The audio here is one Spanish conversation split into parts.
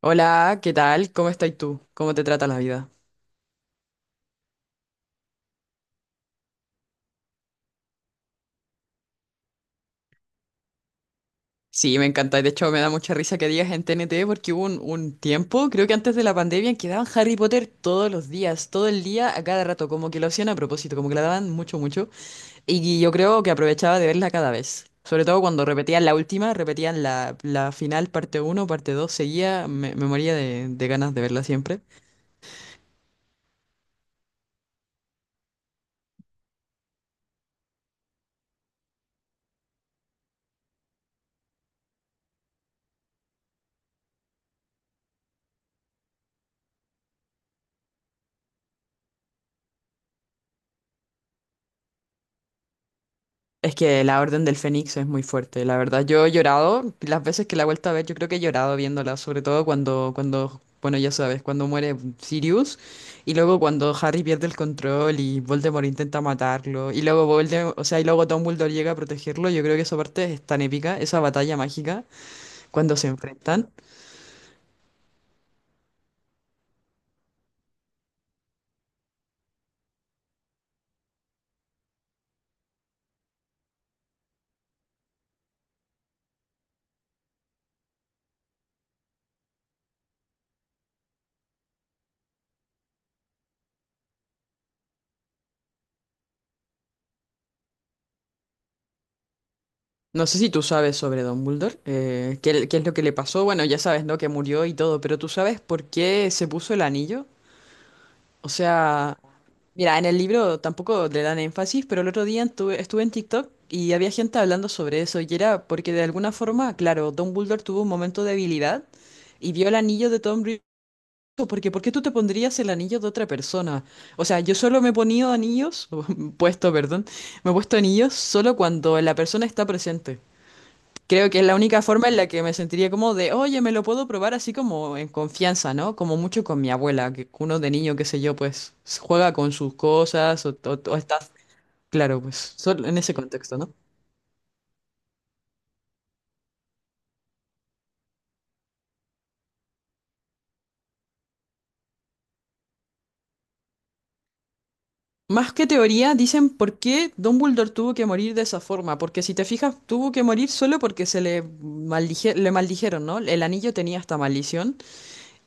Hola, ¿qué tal? ¿Cómo estás tú? ¿Cómo te trata la vida? Sí, me encanta. De hecho, me da mucha risa que digas en TNT porque hubo un tiempo, creo que antes de la pandemia, en que daban Harry Potter todos los días, todo el día, a cada rato, como que lo hacían a propósito, como que la daban mucho, mucho. Y yo creo que aprovechaba de verla cada vez. Sobre todo cuando repetían la última, repetían la final, parte uno, parte 2, seguía, me moría de ganas de verla siempre. Es que la Orden del Fénix es muy fuerte, la verdad. Yo he llorado, las veces que la he vuelto a ver, yo creo que he llorado viéndola, sobre todo cuando, bueno, ya sabes, cuando muere Sirius y luego cuando Harry pierde el control y Voldemort intenta matarlo y luego Voldemort, o sea, y luego Dumbledore llega a protegerlo, yo creo que esa parte es tan épica, esa batalla mágica cuando se enfrentan. No sé si tú sabes sobre Dumbledore, qué es lo que le pasó, bueno, ya sabes, ¿no? Que murió y todo, pero ¿tú sabes por qué se puso el anillo? O sea, mira, en el libro tampoco le dan énfasis, pero el otro día estuve en TikTok y había gente hablando sobre eso, y era porque de alguna forma, claro, Dumbledore tuvo un momento de debilidad y vio el anillo de Tom Riddle, porque ¿por qué tú te pondrías el anillo de otra persona? O sea, yo solo me he ponido anillos, puesto, perdón, me he puesto anillos solo cuando la persona está presente. Creo que es la única forma en la que me sentiría como de, oye, me lo puedo probar así como en confianza, ¿no? Como mucho con mi abuela, que uno de niño, qué sé yo, pues juega con sus cosas o está, claro, pues solo en ese contexto, ¿no? Más que teoría, dicen por qué Dumbledore tuvo que morir de esa forma, porque si te fijas, tuvo que morir solo porque le maldijeron, ¿no? El anillo tenía esta maldición.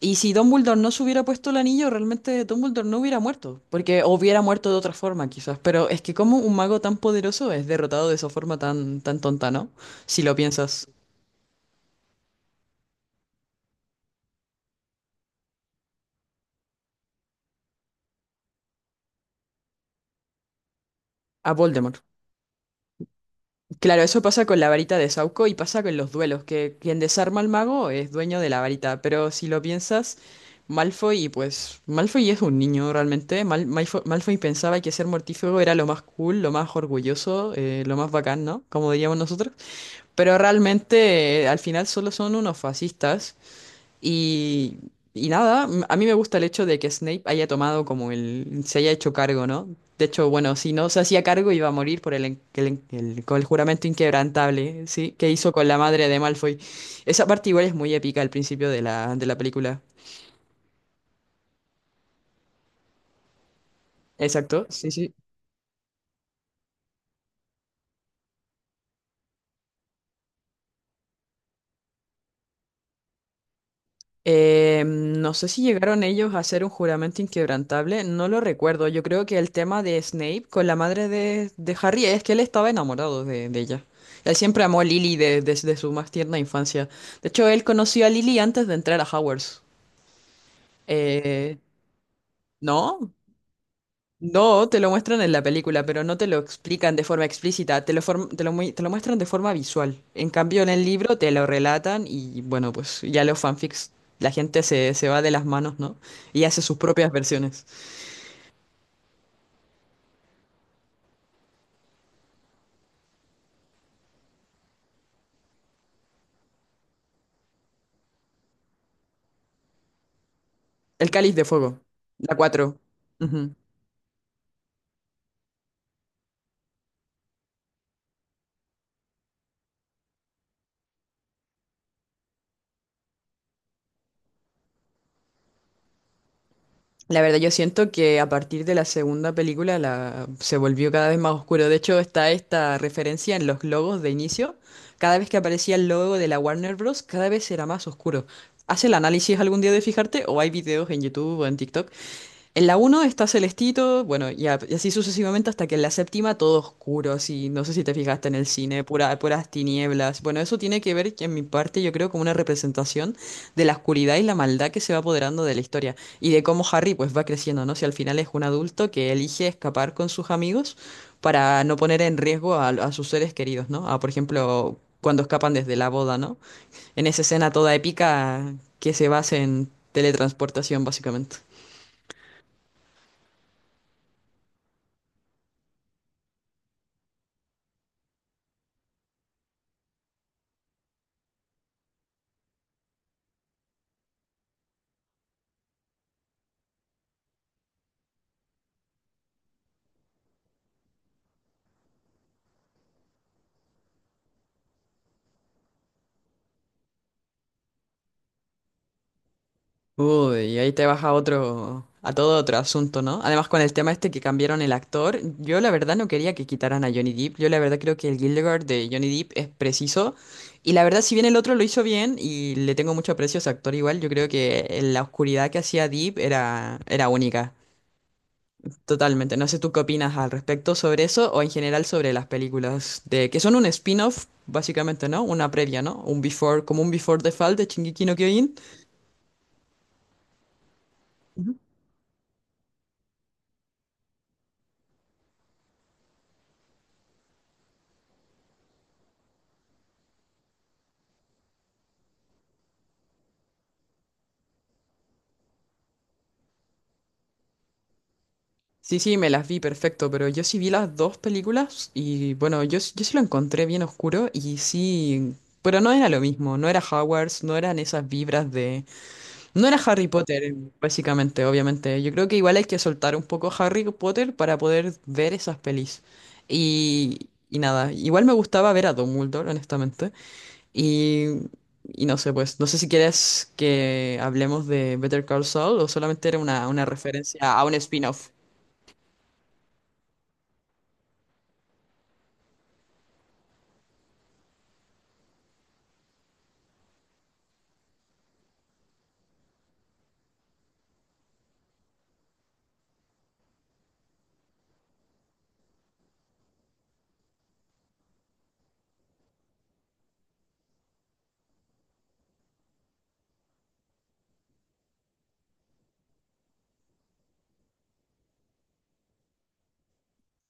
Y si Dumbledore no se hubiera puesto el anillo, realmente Dumbledore no hubiera muerto, porque o hubiera muerto de otra forma quizás, pero es que como un mago tan poderoso es derrotado de esa forma tan, tan tonta, ¿no? Si lo piensas, a Voldemort. Claro, eso pasa con la varita de Sauco y pasa con los duelos, que quien desarma al mago es dueño de la varita, pero si lo piensas, Malfoy, pues Malfoy es un niño realmente, Malfoy pensaba que ser mortífago era lo más cool, lo más orgulloso, lo más bacán, ¿no? Como diríamos nosotros. Pero realmente al final solo son unos fascistas y, y nada, a mí me gusta el hecho de que Snape haya tomado como el... se haya hecho cargo, ¿no? De hecho, bueno, si no se hacía cargo iba a morir por con el juramento inquebrantable, ¿sí? Que hizo con la madre de Malfoy. Esa parte igual es muy épica al principio de la película. Exacto, sí, sí. No sé si llegaron ellos a hacer un juramento inquebrantable, no lo recuerdo. Yo creo que el tema de Snape con la madre de Harry es que él estaba enamorado de ella. Él siempre amó a Lily desde su más tierna infancia. De hecho, él conoció a Lily antes de entrar a Hogwarts. Eh, ¿No? No, te lo muestran en la película, pero no te lo explican de forma explícita, te lo muestran de forma visual. En cambio, en el libro te lo relatan y bueno, pues ya los fanfics, la gente se va de las manos, ¿no? Y hace sus propias versiones. El Cáliz de Fuego, la 4. La verdad, yo siento que a partir de la segunda película se volvió cada vez más oscuro. De hecho, está esta referencia en los logos de inicio. Cada vez que aparecía el logo de la Warner Bros., cada vez era más oscuro. ¿Haz el análisis algún día de fijarte? ¿O hay videos en YouTube o en TikTok? En la uno está Celestito, bueno, y así sucesivamente hasta que en la séptima todo oscuro, así, no sé si te fijaste en el cine, pura, puras tinieblas. Bueno, eso tiene que ver, que en mi parte, yo creo, como una representación de la oscuridad y la maldad que se va apoderando de la historia y de cómo Harry pues va creciendo, ¿no? Si al final es un adulto que elige escapar con sus amigos para no poner en riesgo a sus seres queridos, ¿no? A, por ejemplo, cuando escapan desde la boda, ¿no? En esa escena toda épica que se basa en teletransportación, básicamente. Uy, y ahí te vas a otro, a todo otro asunto, ¿no? Además, con el tema este que cambiaron el actor, yo la verdad no quería que quitaran a Johnny Depp. Yo la verdad creo que el Gildegard de Johnny Depp es preciso. Y la verdad, si bien el otro lo hizo bien y le tengo mucho aprecio a ese actor igual, yo creo que en la oscuridad que hacía Depp era única. Totalmente. No sé tú qué opinas al respecto sobre eso o en general sobre las películas de que son un spin-off, básicamente, ¿no? Una previa, ¿no? Un before, como un before the fall de Shingeki no Kyojin. Sí, sí, me las vi perfecto, pero yo sí vi las dos películas y bueno, yo sí lo encontré bien oscuro y sí, pero no era lo mismo, no era Hogwarts, no eran esas vibras de... No era Harry Potter, básicamente, obviamente. Yo creo que igual hay que soltar un poco Harry Potter para poder ver esas pelis. Y nada, igual me gustaba ver a Dumbledore, honestamente. Y, y no sé, pues, no sé si quieres que hablemos de Better Call Saul o solamente era una referencia a un spin-off.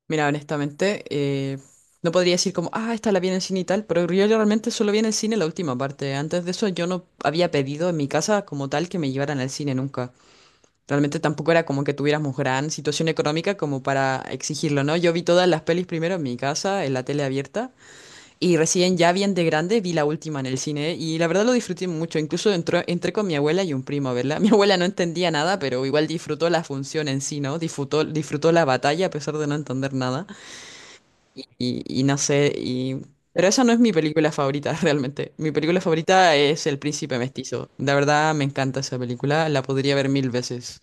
Mira, honestamente, no podría decir como, ah, esta la vi en el cine y tal, pero yo realmente solo vi en el cine la última parte. Antes de eso yo no había pedido en mi casa como tal que me llevaran al cine nunca. Realmente tampoco era como que tuviéramos gran situación económica como para exigirlo, ¿no? Yo vi todas las pelis primero en mi casa, en la tele abierta, y recién ya bien de grande vi la última en el cine, y la verdad lo disfruté mucho. Incluso entré con mi abuela y un primo a verla. Mi abuela no entendía nada, pero igual disfrutó la función en sí, ¿no? Disfrutó la batalla a pesar de no entender nada y no sé, y... Pero esa no es mi película favorita realmente. Mi película favorita es El Príncipe Mestizo. La verdad me encanta esa película, la podría ver 1.000 veces.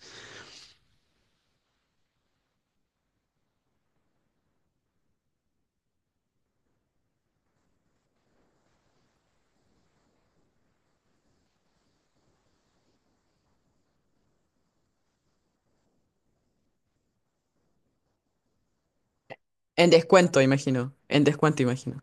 En descuento, imagino. En descuento, imagino.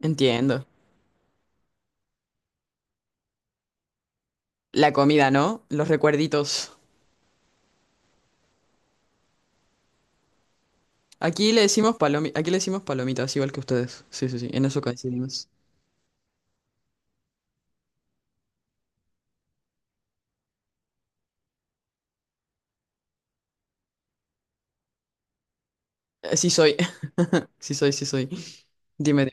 Entiendo. La comida, ¿no? Los recuerditos. Aquí le decimos palomitas, igual que ustedes. Sí, sí, sí, en eso coincidimos. Sí soy. Sí soy, sí soy. Dime.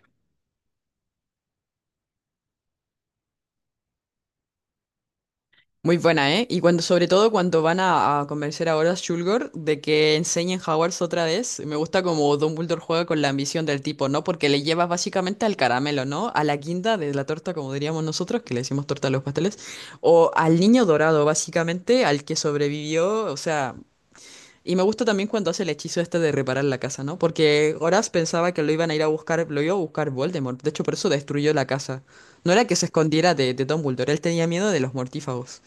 Muy buena, ¿eh? Y cuando, sobre todo cuando van a convencer a Horace Shulgor de que enseñen Hogwarts otra vez, me gusta como Dumbledore juega con la ambición del tipo, ¿no? Porque le lleva básicamente al caramelo, ¿no? A la guinda de la torta, como diríamos nosotros, que le decimos torta a los pasteles, o al niño dorado, básicamente, al que sobrevivió, o sea... Y me gusta también cuando hace el hechizo este de reparar la casa, ¿no? Porque Horace pensaba que lo iban a ir a buscar, lo iba a buscar Voldemort, de hecho por eso destruyó la casa. No era que se escondiera de Dumbledore, él tenía miedo de los mortífagos.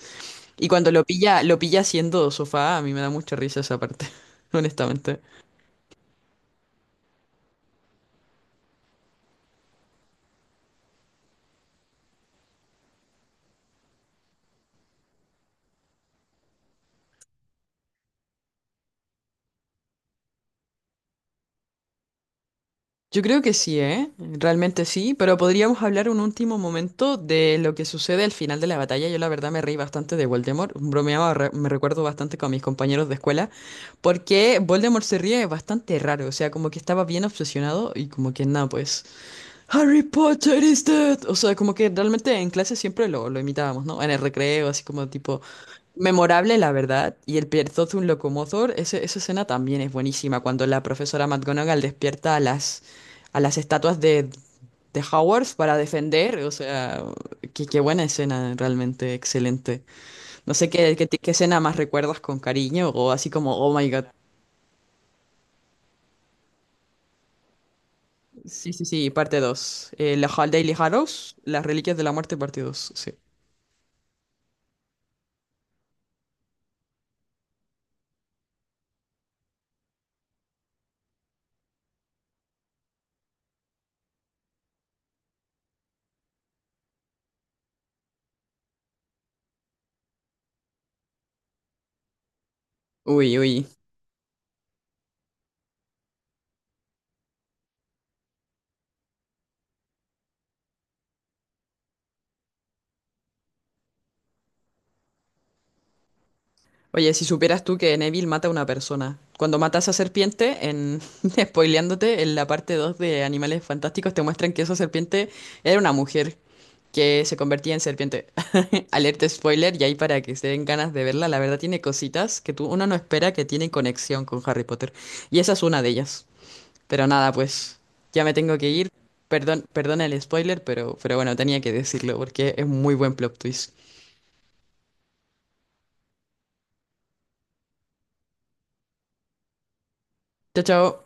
Y cuando lo pilla haciendo sofá, a mí me da mucha risa esa parte, honestamente. Yo creo que sí, ¿eh? Realmente sí, pero podríamos hablar un último momento de lo que sucede al final de la batalla. Yo la verdad me reí bastante de Voldemort, bromeaba, me recuerdo bastante con mis compañeros de escuela, porque Voldemort se ríe bastante raro, o sea, como que estaba bien obsesionado y como que nada, pues, Harry Potter is dead. O sea, como que realmente en clase siempre lo imitábamos, ¿no? En el recreo, así como tipo... Memorable, la verdad, y el Pierzot un locomotor, esa escena también es buenísima, cuando la profesora McGonagall despierta a las estatuas de Hogwarts para defender, o sea, qué buena escena, realmente excelente. No sé qué escena más recuerdas con cariño, o así como, oh my god. Sí, sí, sí, parte dos. La Hall Daily Harrows, las Reliquias de la Muerte, parte 2 sí. Uy, uy. Oye, si supieras tú que Neville mata a una persona. Cuando mata a esa serpiente, en spoileándote, en la parte 2 de Animales Fantásticos te muestran que esa serpiente era una mujer que se convertía en serpiente. Alerta spoiler, y ahí para que se den ganas de verla, la verdad tiene cositas que tú, uno no espera que tienen conexión con Harry Potter. Y esa es una de ellas. Pero nada, pues ya me tengo que ir. Perdón, perdona el spoiler, pero, bueno, tenía que decirlo porque es muy buen plot twist. Chao, chao.